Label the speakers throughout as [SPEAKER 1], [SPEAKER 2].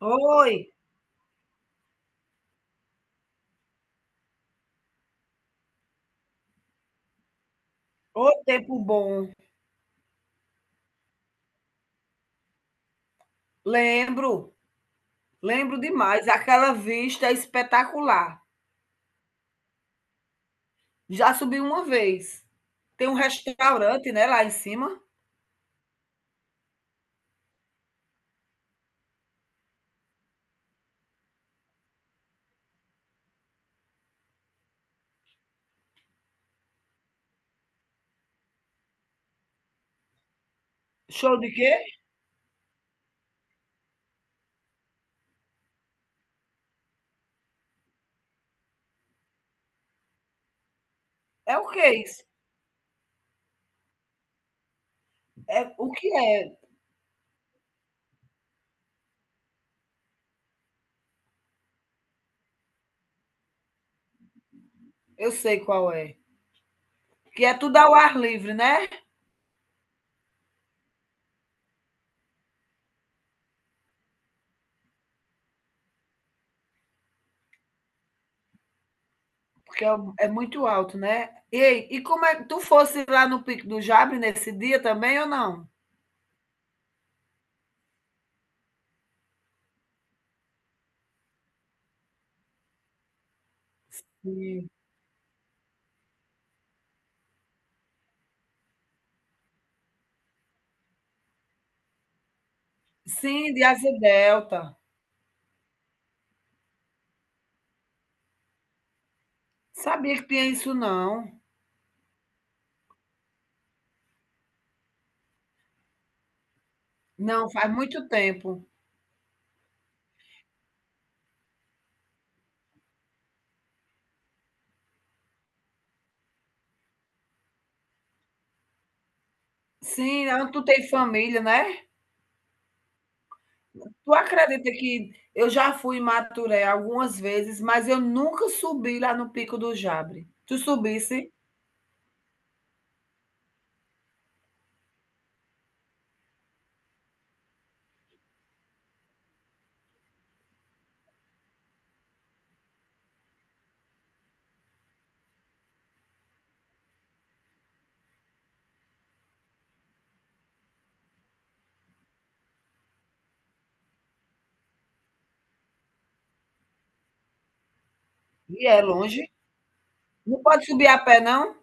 [SPEAKER 1] Oi, ô tempo bom. Lembro, lembro demais. Aquela vista é espetacular. Já subi uma vez. Tem um restaurante, né, lá em cima. Show de quê? É o que isso? É o que é? Eu sei qual é. Que é tudo ao ar livre, né? Porque é muito alto, né? Ei, e como é que tu fosse lá no Pico do Jabre nesse dia também ou não? Sim. Sim, de asa delta. Sabia que tinha isso não. Não, faz muito tempo. Sim, onde tu tem família, né. Tu acredita que eu já fui em Maturé algumas vezes, mas eu nunca subi lá no Pico do Jabre. Tu subisse e é longe. Não pode subir a pé não?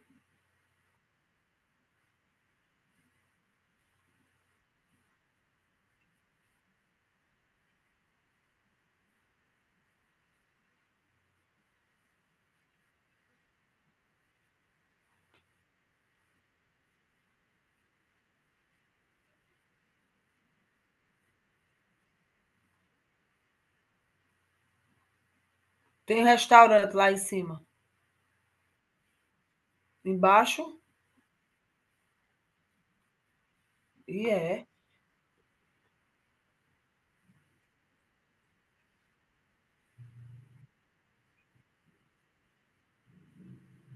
[SPEAKER 1] Tem um restaurante lá em cima. Embaixo e é,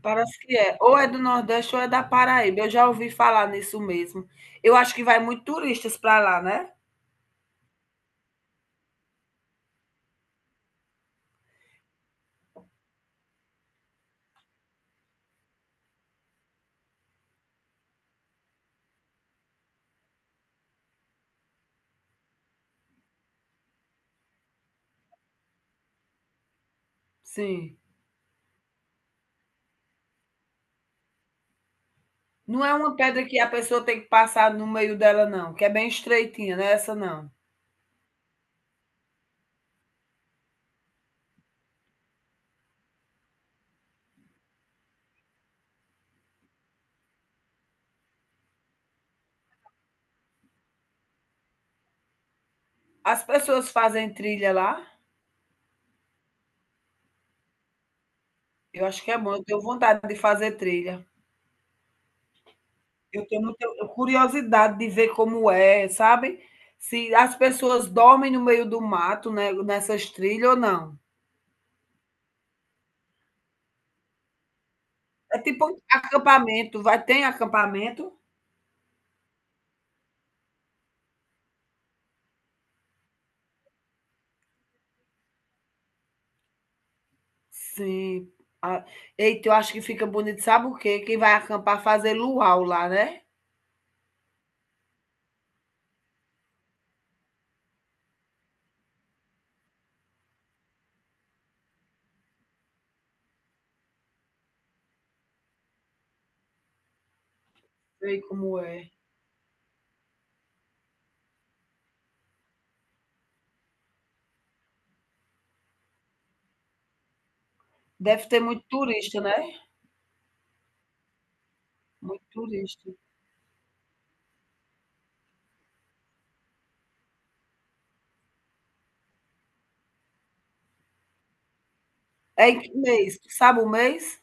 [SPEAKER 1] parece que é. Ou é do Nordeste ou é da Paraíba, eu já ouvi falar nisso mesmo. Eu acho que vai muito turistas para lá, né. Sim. Não é uma pedra que a pessoa tem que passar no meio dela não, que é bem estreitinha, não é essa não. As pessoas fazem trilha lá? Eu acho que é bom, eu tenho vontade de fazer trilha. Eu tenho muita curiosidade de ver como é, sabe. Se as pessoas dormem no meio do mato, né, nessas trilhas ou não. É tipo um acampamento, vai tem acampamento? Sim. Ah, eita, eu acho que fica bonito, sabe o quê? Quem vai acampar fazer luau lá, né. Sei como é. Deve ter muito turista, né, muito turista. É em que mês? Tu sabe o mês?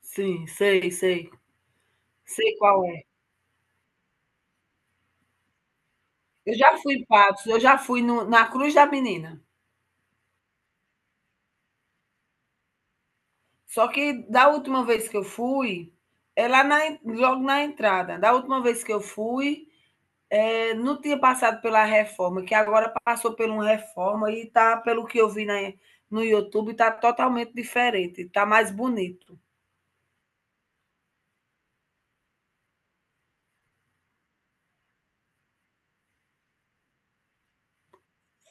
[SPEAKER 1] Sim, sei, sei. Sei qual é. Eu já fui em Patos, eu já fui no na Cruz da Menina. Só que da última vez que eu fui, é lá na en logo na entrada. Da última vez que eu fui, não tinha passado pela reforma, que agora passou por uma reforma e tá, pelo que eu vi na no YouTube, tá totalmente diferente, tá mais bonito.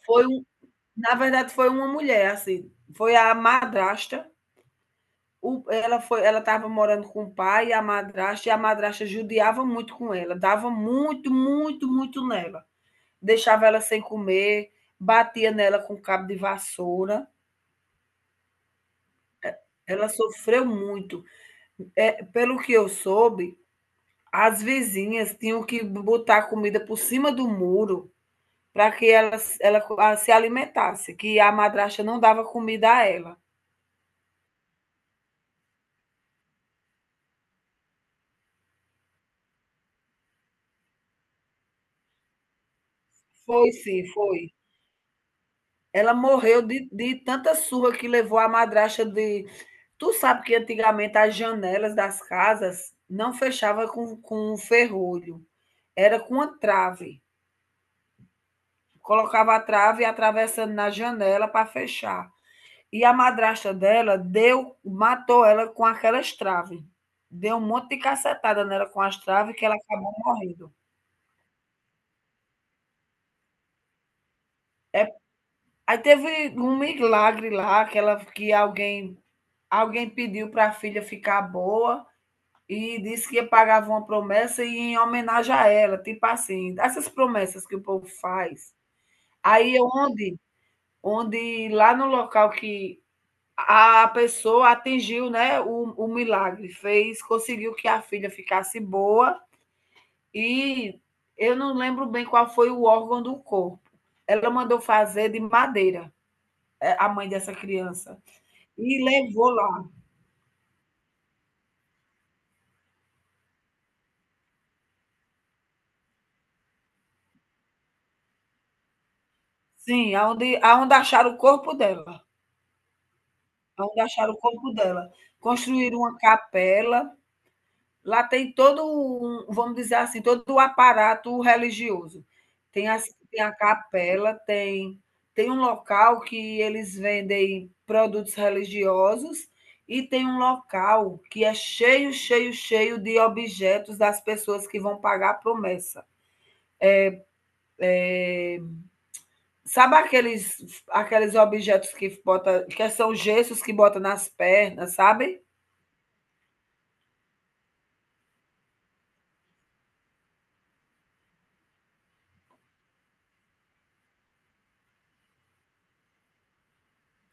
[SPEAKER 1] Foi um na verdade foi uma mulher, assim, foi a madrasta. O, ela foi, ela estava morando com o pai e a madrasta judiava muito com ela, dava muito, muito, muito nela. Deixava ela sem comer, batia nela com um cabo de vassoura. Ela sofreu muito. Pelo que eu soube, as vizinhas tinham que botar comida por cima do muro para que ela s ela co ah, se alimentasse, que a madrasta não dava comida a ela. Foi sim, foi. Ela morreu de tanta surra que levou a madrasta de. Tu sabe que antigamente as janelas das casas não fechava com um ferrolho, era com uma trave. Colocava a trave atravessando na janela para fechar. E a madrasta dela deu, matou ela com aquelas traves. Deu um monte de cacetada nela com as traves que ela acabou morrendo. É, aí teve um milagre lá que, ela, que alguém, alguém pediu para a filha ficar boa. E disse que ia pagava uma promessa e em homenagem a ela, tipo assim, essas promessas que o povo faz. Aí é onde lá no local que a pessoa atingiu, né, o milagre, fez conseguiu que a filha ficasse boa e eu não lembro bem qual foi o órgão do corpo. Ela mandou fazer de madeira, a mãe dessa criança, e levou lá. Sim, aonde acharam o corpo dela. Aonde acharam o corpo dela. Construíram uma capela, lá tem todo um vamos dizer assim, todo o aparato religioso. Tem as tem a capela, tem um local que eles vendem produtos religiosos e tem um local que é cheio, cheio, cheio de objetos das pessoas que vão pagar a promessa. Sabe aqueles objetos que bota que são gessos que bota nas pernas, sabe?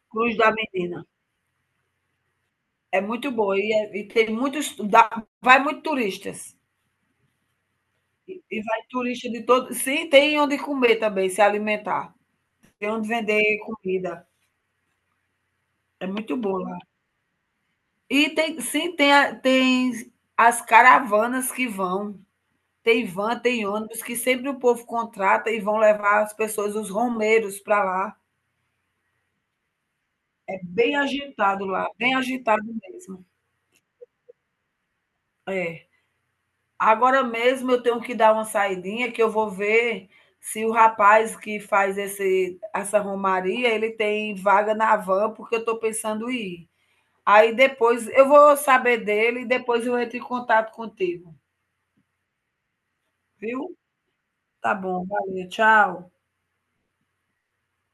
[SPEAKER 1] Cruz da menina. É muito boa e, é- e tem muitos, dá- vai muito turistas. E vai turista de todo, sim, tem onde comer também, se alimentar. Tem onde vender comida. É muito boa lá. E tem, sim, tem, a- tem as caravanas que vão. Tem van, tem ônibus que sempre o povo contrata e vão levar as pessoas, os romeiros para lá. É bem agitado lá, bem agitado mesmo. É. Agora mesmo eu tenho que dar uma saidinha que eu vou ver se o rapaz que faz esse, essa romaria, ele tem vaga na van, porque eu estou pensando em ir. Aí depois eu vou saber dele e depois eu entro em contato contigo, viu? Tá bom, valeu, tchau.